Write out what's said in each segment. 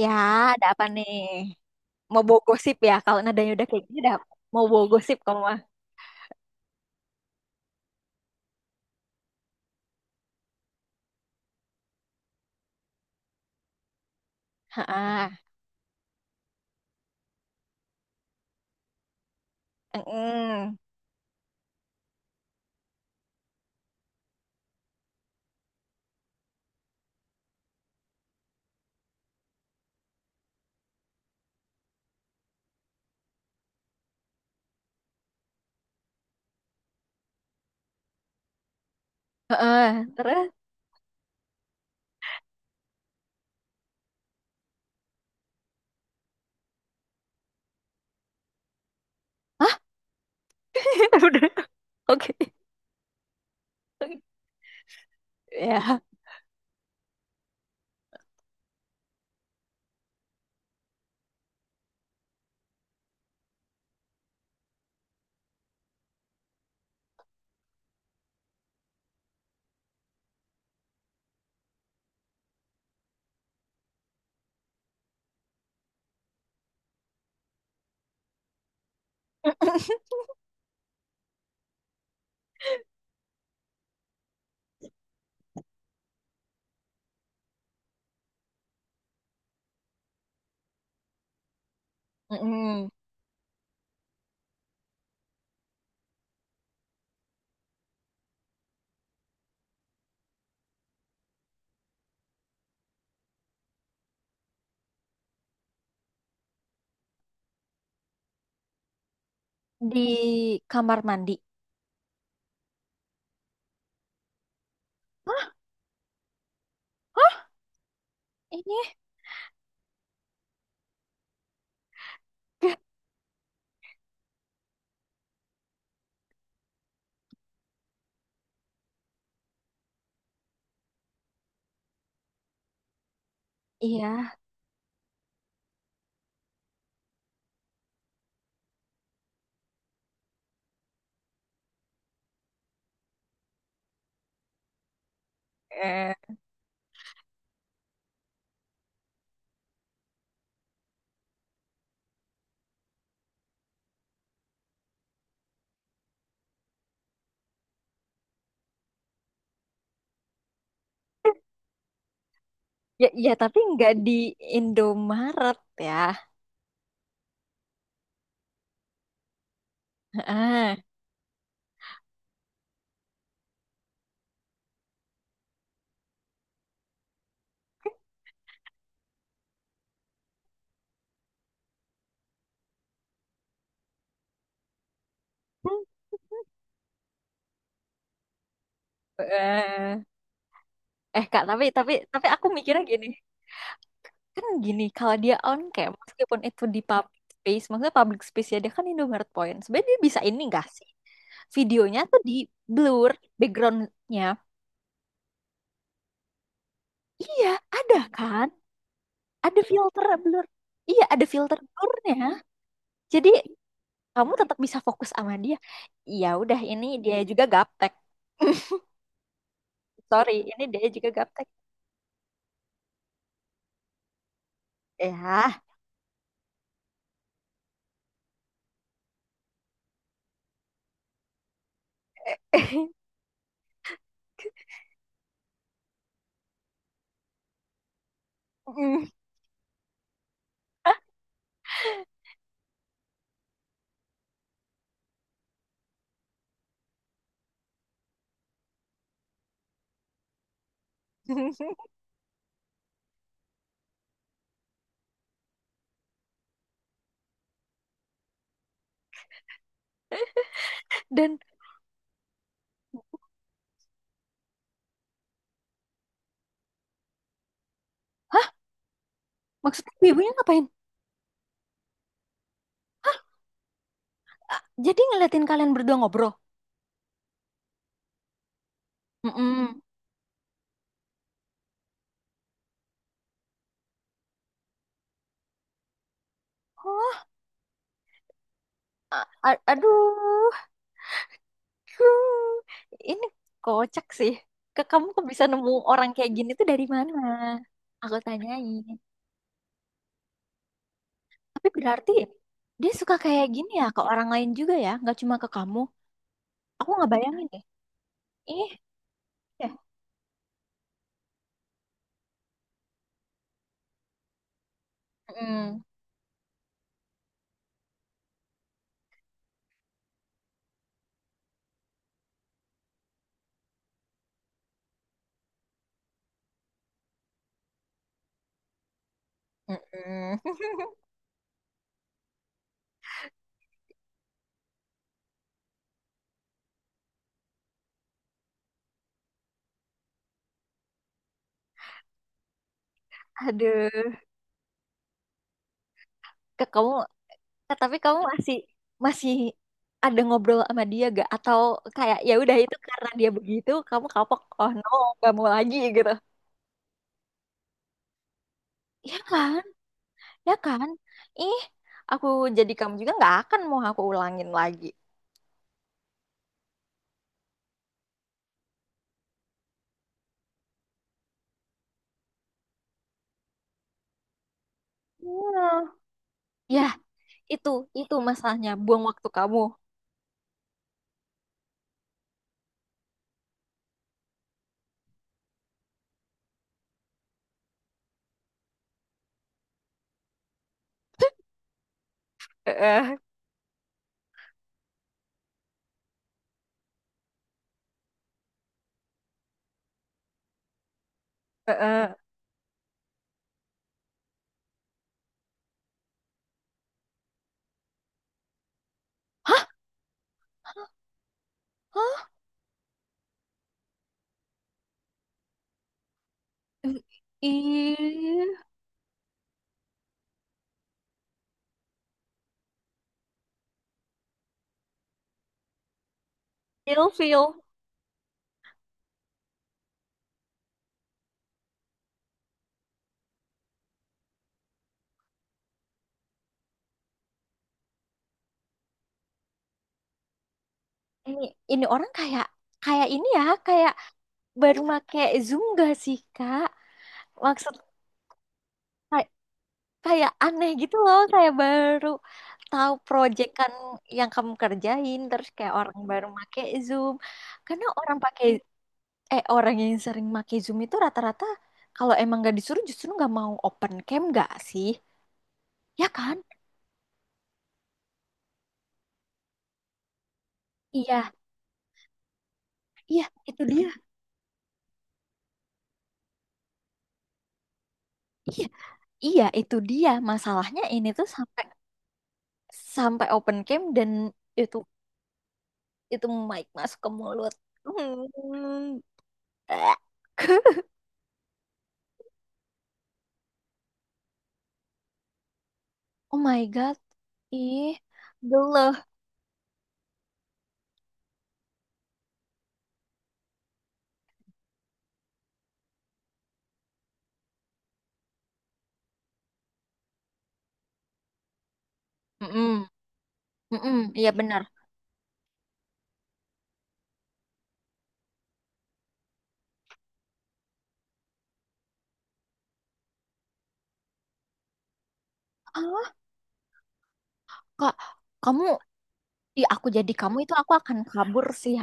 Ya, ada apa nih? Mau bawa gosip ya? Kalau nadanya udah kayak gini, udah mau bawa gosip kamu mah. Heeh. Heeh. Heeh. Terus? Hah? Udah. Oke. Ya. Heeh. Di kamar mandi. Hah? Hah? Ini? Iya. Eh. Ya, ya, tapi nggak di Indomaret ya. Heeh. Heeh. Eh, Kak, tapi aku mikirnya gini. Kan gini, kalau dia on cam meskipun itu di public space, maksudnya public space ya, dia kan Indomaret Point, sebenarnya dia bisa ini nggak sih videonya tuh di blur backgroundnya. Iya, ada kan, ada filter blur, iya ada filter blurnya, jadi kamu tetap bisa fokus sama dia. Ya udah, ini dia juga gaptek. Sorry, ini dia juga gaptek ya. Dan maksudnya ibunya ngapain? Jadi ngeliatin kalian berdua ngobrol. Mm-mm. Oh, aduh, huh, ini kocak sih. Ke kamu kok bisa nemu orang kayak gini tuh dari mana? Aku tanyain. Tapi berarti dia suka kayak gini ya ke orang lain juga ya, nggak cuma ke kamu. Aku nggak bayangin deh. Ih, ya. Mm, mm-mm. Aduh, ke kamu. Tapi kamu masih, masih ada ngobrol sama dia gak? Atau kayak ya udah itu karena dia begitu, kamu kapok. Oh no, gak mau lagi gitu. Iya kan? Ya kan? Ih, aku jadi kamu juga nggak akan mau aku ulangin lagi. Iya. Ya, itu, itu masalahnya. Buang waktu kamu. Heeh, heeh. Hah? Hah? Ih, feel. Feel. Ini, ini orang kayak, kayak ini ya, kayak baru make Zoom gak sih, Kak? Maksud kay- kayak aneh gitu loh, kayak baru tahu project kan yang kamu kerjain, terus kayak orang baru make Zoom. Karena orang pakai, orang yang sering make Zoom itu rata-rata kalau emang gak disuruh justru nggak mau open cam nggak sih? Ya kan? Iya, iya, itu dia. Iya, iya, itu dia. Masalahnya ini tuh sampai, open cam dan itu itu mic masuk ke mulut. Hmm. Eh, oh my God. Ih, geluh. Mm-mm. Mm-mm. Iya benar. Ah, Kak, kamu, ih aku jadi kamu itu aku akan kabur sih.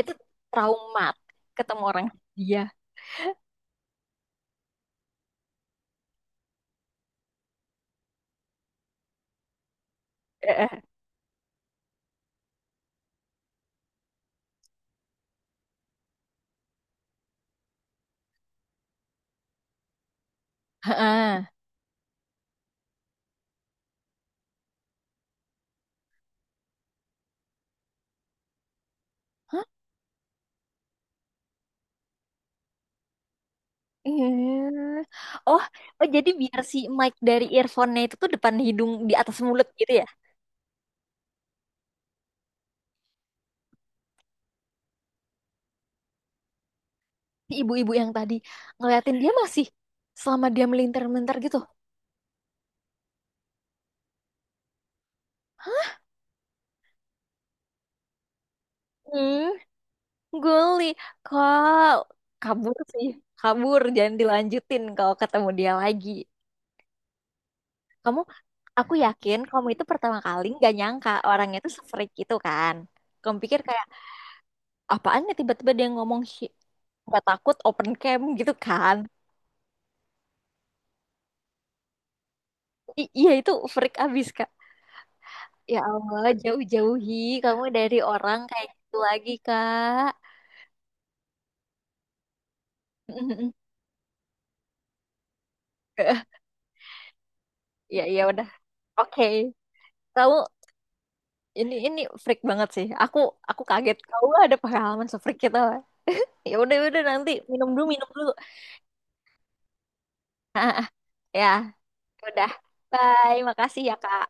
Itu traumat ketemu orang dia. Heeh. Hah? Eh. Oh, oh jadi biar si mic dari earphone-nya itu tuh depan hidung di atas mulut gitu ya. Si ibu-ibu yang tadi ngeliatin dia masih selama dia melintir-melintir gitu. Hmm, guli. Kok kabur sih? Kabur, jangan dilanjutin kalau ketemu dia lagi. Kamu, aku yakin kamu itu pertama kali nggak nyangka orangnya itu se-freak itu kan. Kamu pikir kayak apaan ya, tiba-tiba dia ngomong "Hi-", nggak takut open cam gitu kan. Iya, itu freak abis kak, ya Allah jauh-jauhi kamu dari orang kayak gitu lagi kak. Ya iya udah, oke, kamu ini freak banget sih, aku kaget kamu ada pengalaman se-freak kita. Ya udah, ya udah, nanti minum dulu, minum dulu. Ah, ah, ya udah, bye, makasih ya kak.